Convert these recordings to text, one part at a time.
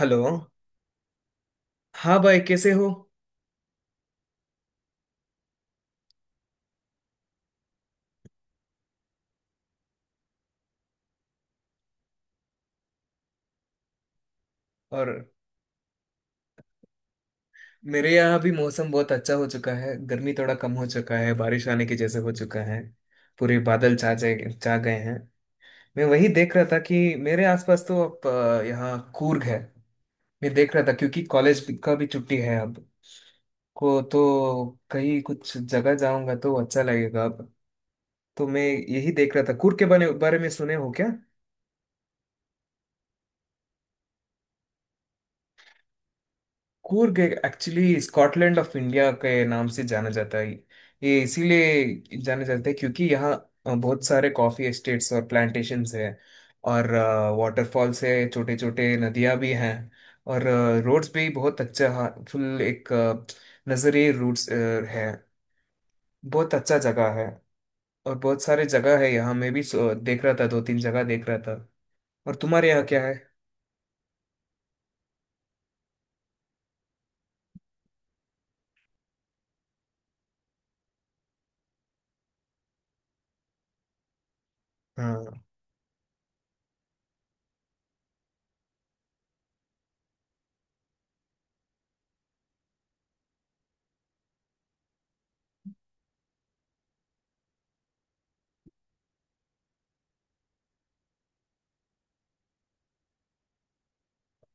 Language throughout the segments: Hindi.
हेलो। हाँ भाई, कैसे हो? और मेरे यहाँ भी मौसम बहुत अच्छा हो चुका है। गर्मी थोड़ा कम हो चुका है, बारिश आने के जैसे हो चुका है। पूरे बादल छा गए हैं। मैं वही देख रहा था कि मेरे आसपास तो अब, यहाँ कूर्ग है। मैं देख रहा था क्योंकि कॉलेज का भी छुट्टी है अब। को तो कहीं कुछ जगह जाऊंगा तो अच्छा लगेगा अब। तो मैं यही देख रहा था। कूर्ग के बारे बारे में सुने हो क्या? Coorg actually Scotland of India के नाम से जाना जाता है। ये इसीलिए जाना जाता है क्योंकि यहाँ बहुत सारे कॉफी एस्टेट्स और प्लांटेशंस हैं। और वाटरफॉल्स है, छोटे छोटे नदियाँ भी हैं। और रोड्स भी बहुत अच्छा फुल, एक नजरे रूट्स है। बहुत अच्छा जगह है। और बहुत सारे जगह है यहाँ, मैं भी देख रहा था, दो तीन जगह देख रहा था। और तुम्हारे यहाँ क्या है? हाँ,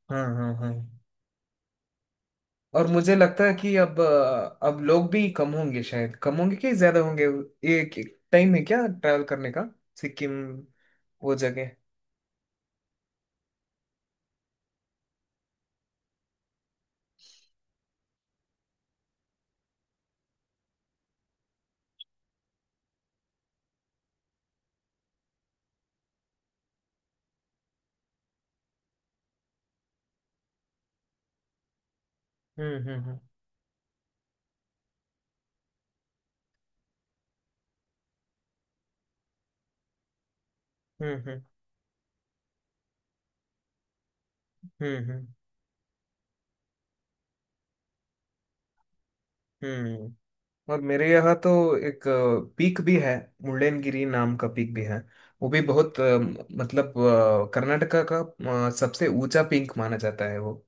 हाँ, हाँ, हाँ। और मुझे लगता है कि अब लोग भी कम होंगे, शायद कम होंगे कि ज्यादा होंगे। एक एक टाइम है क्या ट्रैवल करने का? सिक्किम, वो जगह। हम्म, हम्म, हम्म, हम्म, हम्म, हम्म, और मेरे यहाँ तो एक पीक भी है, मुल्लेनगिरी नाम का पीक भी है। वो भी बहुत मतलब, कर्नाटका का सबसे ऊंचा पीक माना जाता है वो।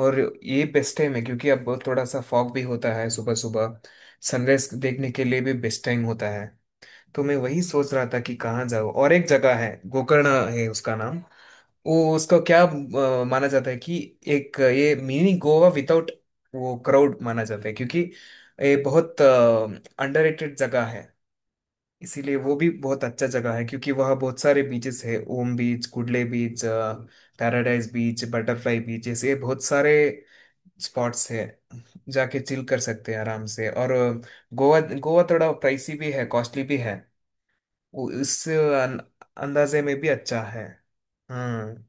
और ये बेस्ट टाइम है क्योंकि अब थोड़ा सा फॉग भी होता है सुबह सुबह। सनराइज देखने के लिए भी बेस्ट टाइम होता है। तो मैं वही सोच रहा था कि कहाँ जाऊँ। और एक जगह है, गोकर्ण है उसका नाम। वो उसको क्या माना जाता है कि एक ये मिनी गोवा विदाउट वो क्राउड माना जाता है क्योंकि ये बहुत अंडररेटेड जगह है। इसीलिए वो भी बहुत अच्छा जगह है क्योंकि वहाँ बहुत सारे बीचेस है — ओम beach, Kudle beach, paradise beach, butterfly beach, ऐसे बहुत सारे स्पॉट्स है। जाके चिल कर सकते हैं आराम से। और गोवा गोवा थोड़ा प्राइसी भी है, कॉस्टली भी है। वो इस अंदाजे में भी अच्छा है। हम्म।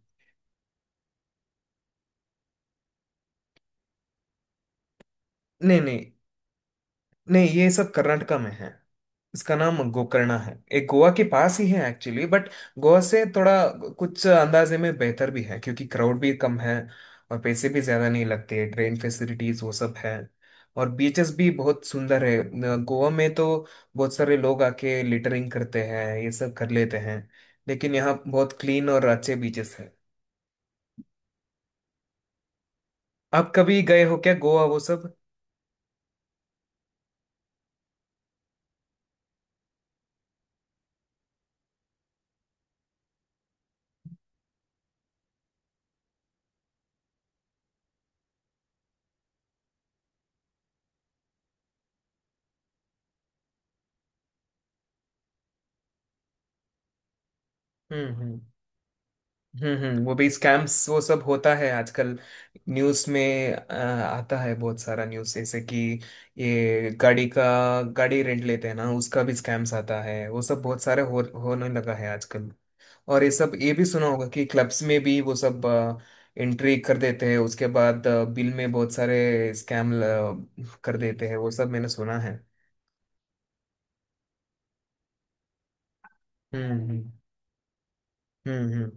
नहीं, नहीं, नहीं, ये सब कर्नाटका में है। इसका नाम गोकर्णा है, एक गोवा के पास ही है एक्चुअली, बट गोवा से थोड़ा कुछ अंदाजे में बेहतर भी है क्योंकि क्राउड भी कम है। और पैसे भी ज्यादा नहीं लगते, ट्रेन फैसिलिटीज वो सब है। और बीचेस भी बहुत सुंदर है। गोवा में तो बहुत सारे लोग आके लिटरिंग करते हैं, ये सब कर लेते हैं। लेकिन यहाँ बहुत क्लीन और अच्छे बीचेस हैं। आप कभी गए हो क्या, गोवा वो सब? हम्म, हम्म, हम्म, वो भी स्कैम्स वो सब होता है आजकल। न्यूज़ में आता है बहुत सारा न्यूज़, जैसे कि ये गाड़ी का गाड़ी रेंट लेते हैं ना, उसका भी स्कैम्स आता है, वो सब बहुत सारे हो होने लगा है आजकल। और ये सब ये भी सुना होगा कि क्लब्स में भी वो सब एंट्री कर देते हैं, उसके बाद बिल में बहुत सारे स्कैम कर देते हैं, वो सब मैंने सुना है। हम्म, हम्म, हम्म, हम्म,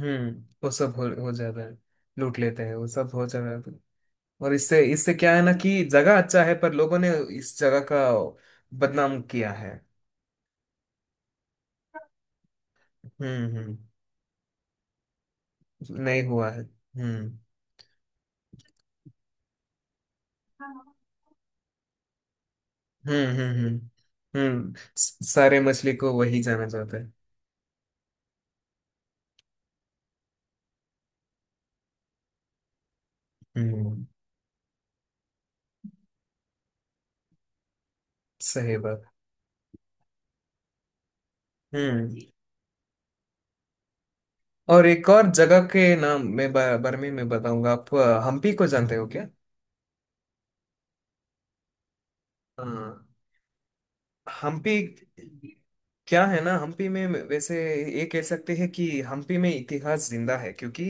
वो सब हो जाता है। लूट लेते हैं, वो सब हो जाता है। और इससे इससे क्या है ना कि जगह अच्छा है, पर लोगों ने इस जगह का बदनाम किया है। हम्म, हम्म। नहीं हुआ है। हम्म, हम्म, हम्म, हम्म, सारे मछली को वही जाना जाता है। हम्म, सही बात। हम्म। और एक और जगह के नाम मैं बारे में मैं बताऊंगा। आप हम्पी को जानते हो क्या? हाँ। हम्पी। क्या है ना, हम्पी में वैसे ये कह सकते हैं कि हम्पी में इतिहास जिंदा है क्योंकि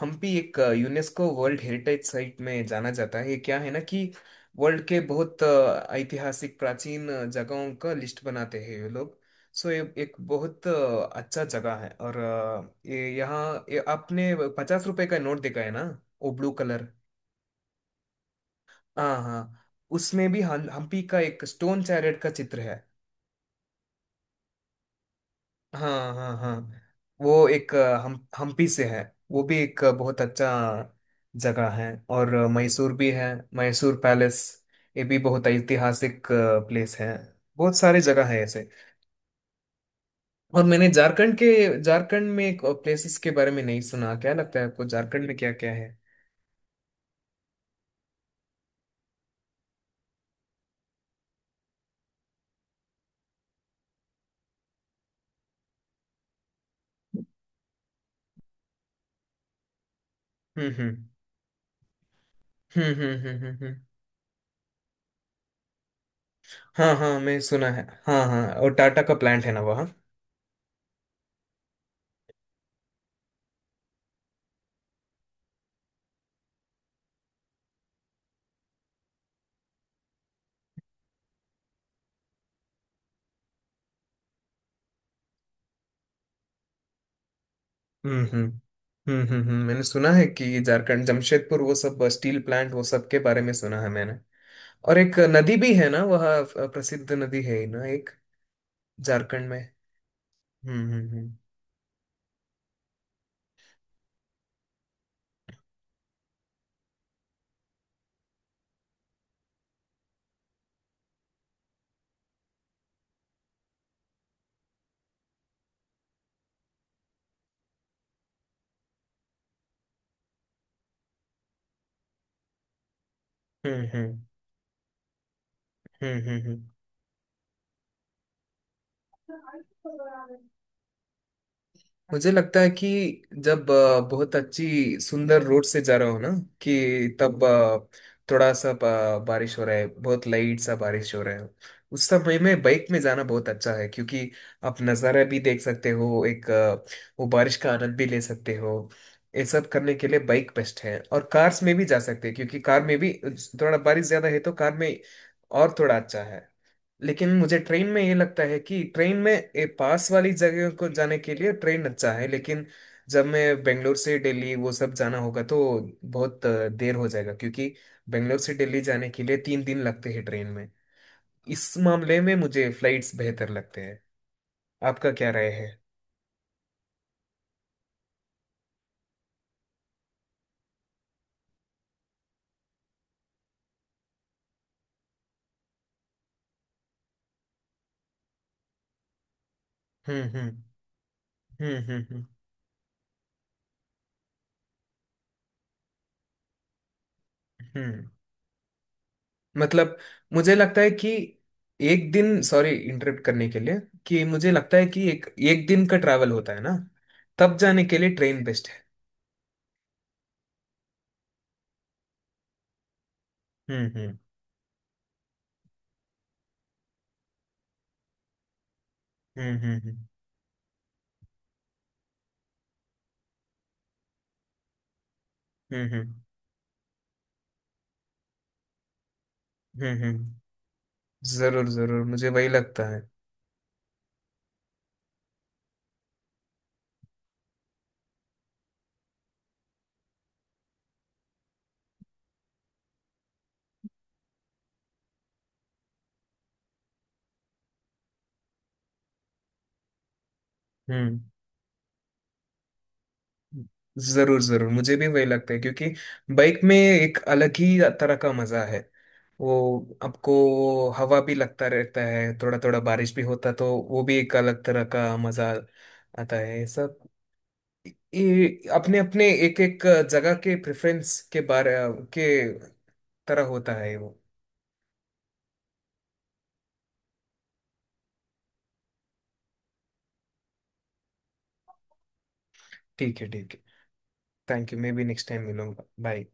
हम्पी एक यूनेस्को वर्ल्ड हेरिटेज साइट में जाना जाता है। ये क्या है ना कि वर्ल्ड के बहुत ऐतिहासिक प्राचीन जगहों का लिस्ट बनाते हैं ये लोग। सो ये एक बहुत अच्छा जगह है। और ये यहाँ, ये आपने 50 रुपए का नोट देखा है ना? वो ब्लू कलर। हाँ, हाँ। उसमें भी हम्पी का एक स्टोन चैरेट का चित्र है। हाँ, हाँ, हाँ। वो एक हम हम्पी से है। वो भी एक बहुत अच्छा जगह है। और मैसूर भी है, मैसूर पैलेस। ये भी बहुत ऐतिहासिक प्लेस है। बहुत सारे जगह है ऐसे। और मैंने झारखंड में एक प्लेसेस के बारे में नहीं सुना। क्या लगता है आपको, झारखंड में क्या क्या है? हम्म, हम्म, हम्म, हम्म, हम्म, हम्म, हाँ, हाँ, मैं सुना है, हाँ, हाँ, और टाटा का प्लांट है ना वहाँ। हम्म, हम्म, हम्म, हम्म, मैंने सुना है कि झारखंड, जमशेदपुर वो सब, स्टील प्लांट वो सब के बारे में सुना है मैंने। और एक नदी भी है ना वह, प्रसिद्ध नदी है ही ना एक, झारखंड में। हम्म, हम्म, हम्म, हम्म, हम्म, हम्म, हम्म, मुझे लगता है कि जब बहुत अच्छी सुंदर रोड से जा रहा हो ना, कि तब थोड़ा सा बारिश हो रहा है, बहुत लाइट सा बारिश हो रहा है, उस समय में बाइक में जाना बहुत अच्छा है क्योंकि आप नज़ारा भी देख सकते हो एक, वो बारिश का आनंद भी ले सकते हो। ये सब करने के लिए बाइक बेस्ट है। और कार्स में भी जा सकते हैं क्योंकि कार में भी थोड़ा बारिश ज्यादा है तो कार में और थोड़ा अच्छा है। लेकिन मुझे ट्रेन में ये लगता है कि ट्रेन में पास वाली जगह को जाने के लिए ट्रेन अच्छा है, लेकिन जब मैं बेंगलोर से दिल्ली वो सब जाना होगा तो बहुत देर हो जाएगा क्योंकि बेंगलोर से दिल्ली जाने के लिए 3 दिन लगते हैं ट्रेन में। इस मामले में मुझे फ्लाइट्स बेहतर लगते हैं। आपका क्या राय है? हम्म, हम्म, हम्म, हम्म, हम्म, हम्म। मतलब, मुझे लगता है कि एक दिन, सॉरी इंटरप्ट करने के लिए, कि मुझे लगता है कि एक एक दिन का ट्रैवल होता है ना, तब जाने के लिए ट्रेन बेस्ट है। हम्म, हम्म, हम्म, हम्म, हम्म, हम्म, हम्म, हम्म, हम्म, जरूर जरूर मुझे वही लगता है। हम्म, जरूर जरूर मुझे भी वही लगता है क्योंकि बाइक में एक अलग ही तरह का मजा है। वो, आपको हवा भी लगता रहता है, थोड़ा थोड़ा बारिश भी होता तो वो भी एक अलग तरह का मजा आता है, ये सब। ये अपने अपने एक एक जगह के प्रेफरेंस के बारे के तरह होता है वो। ठीक है, ठीक है। Thank you. मैं भी नेक्स्ट टाइम मिलूंगा। बाय।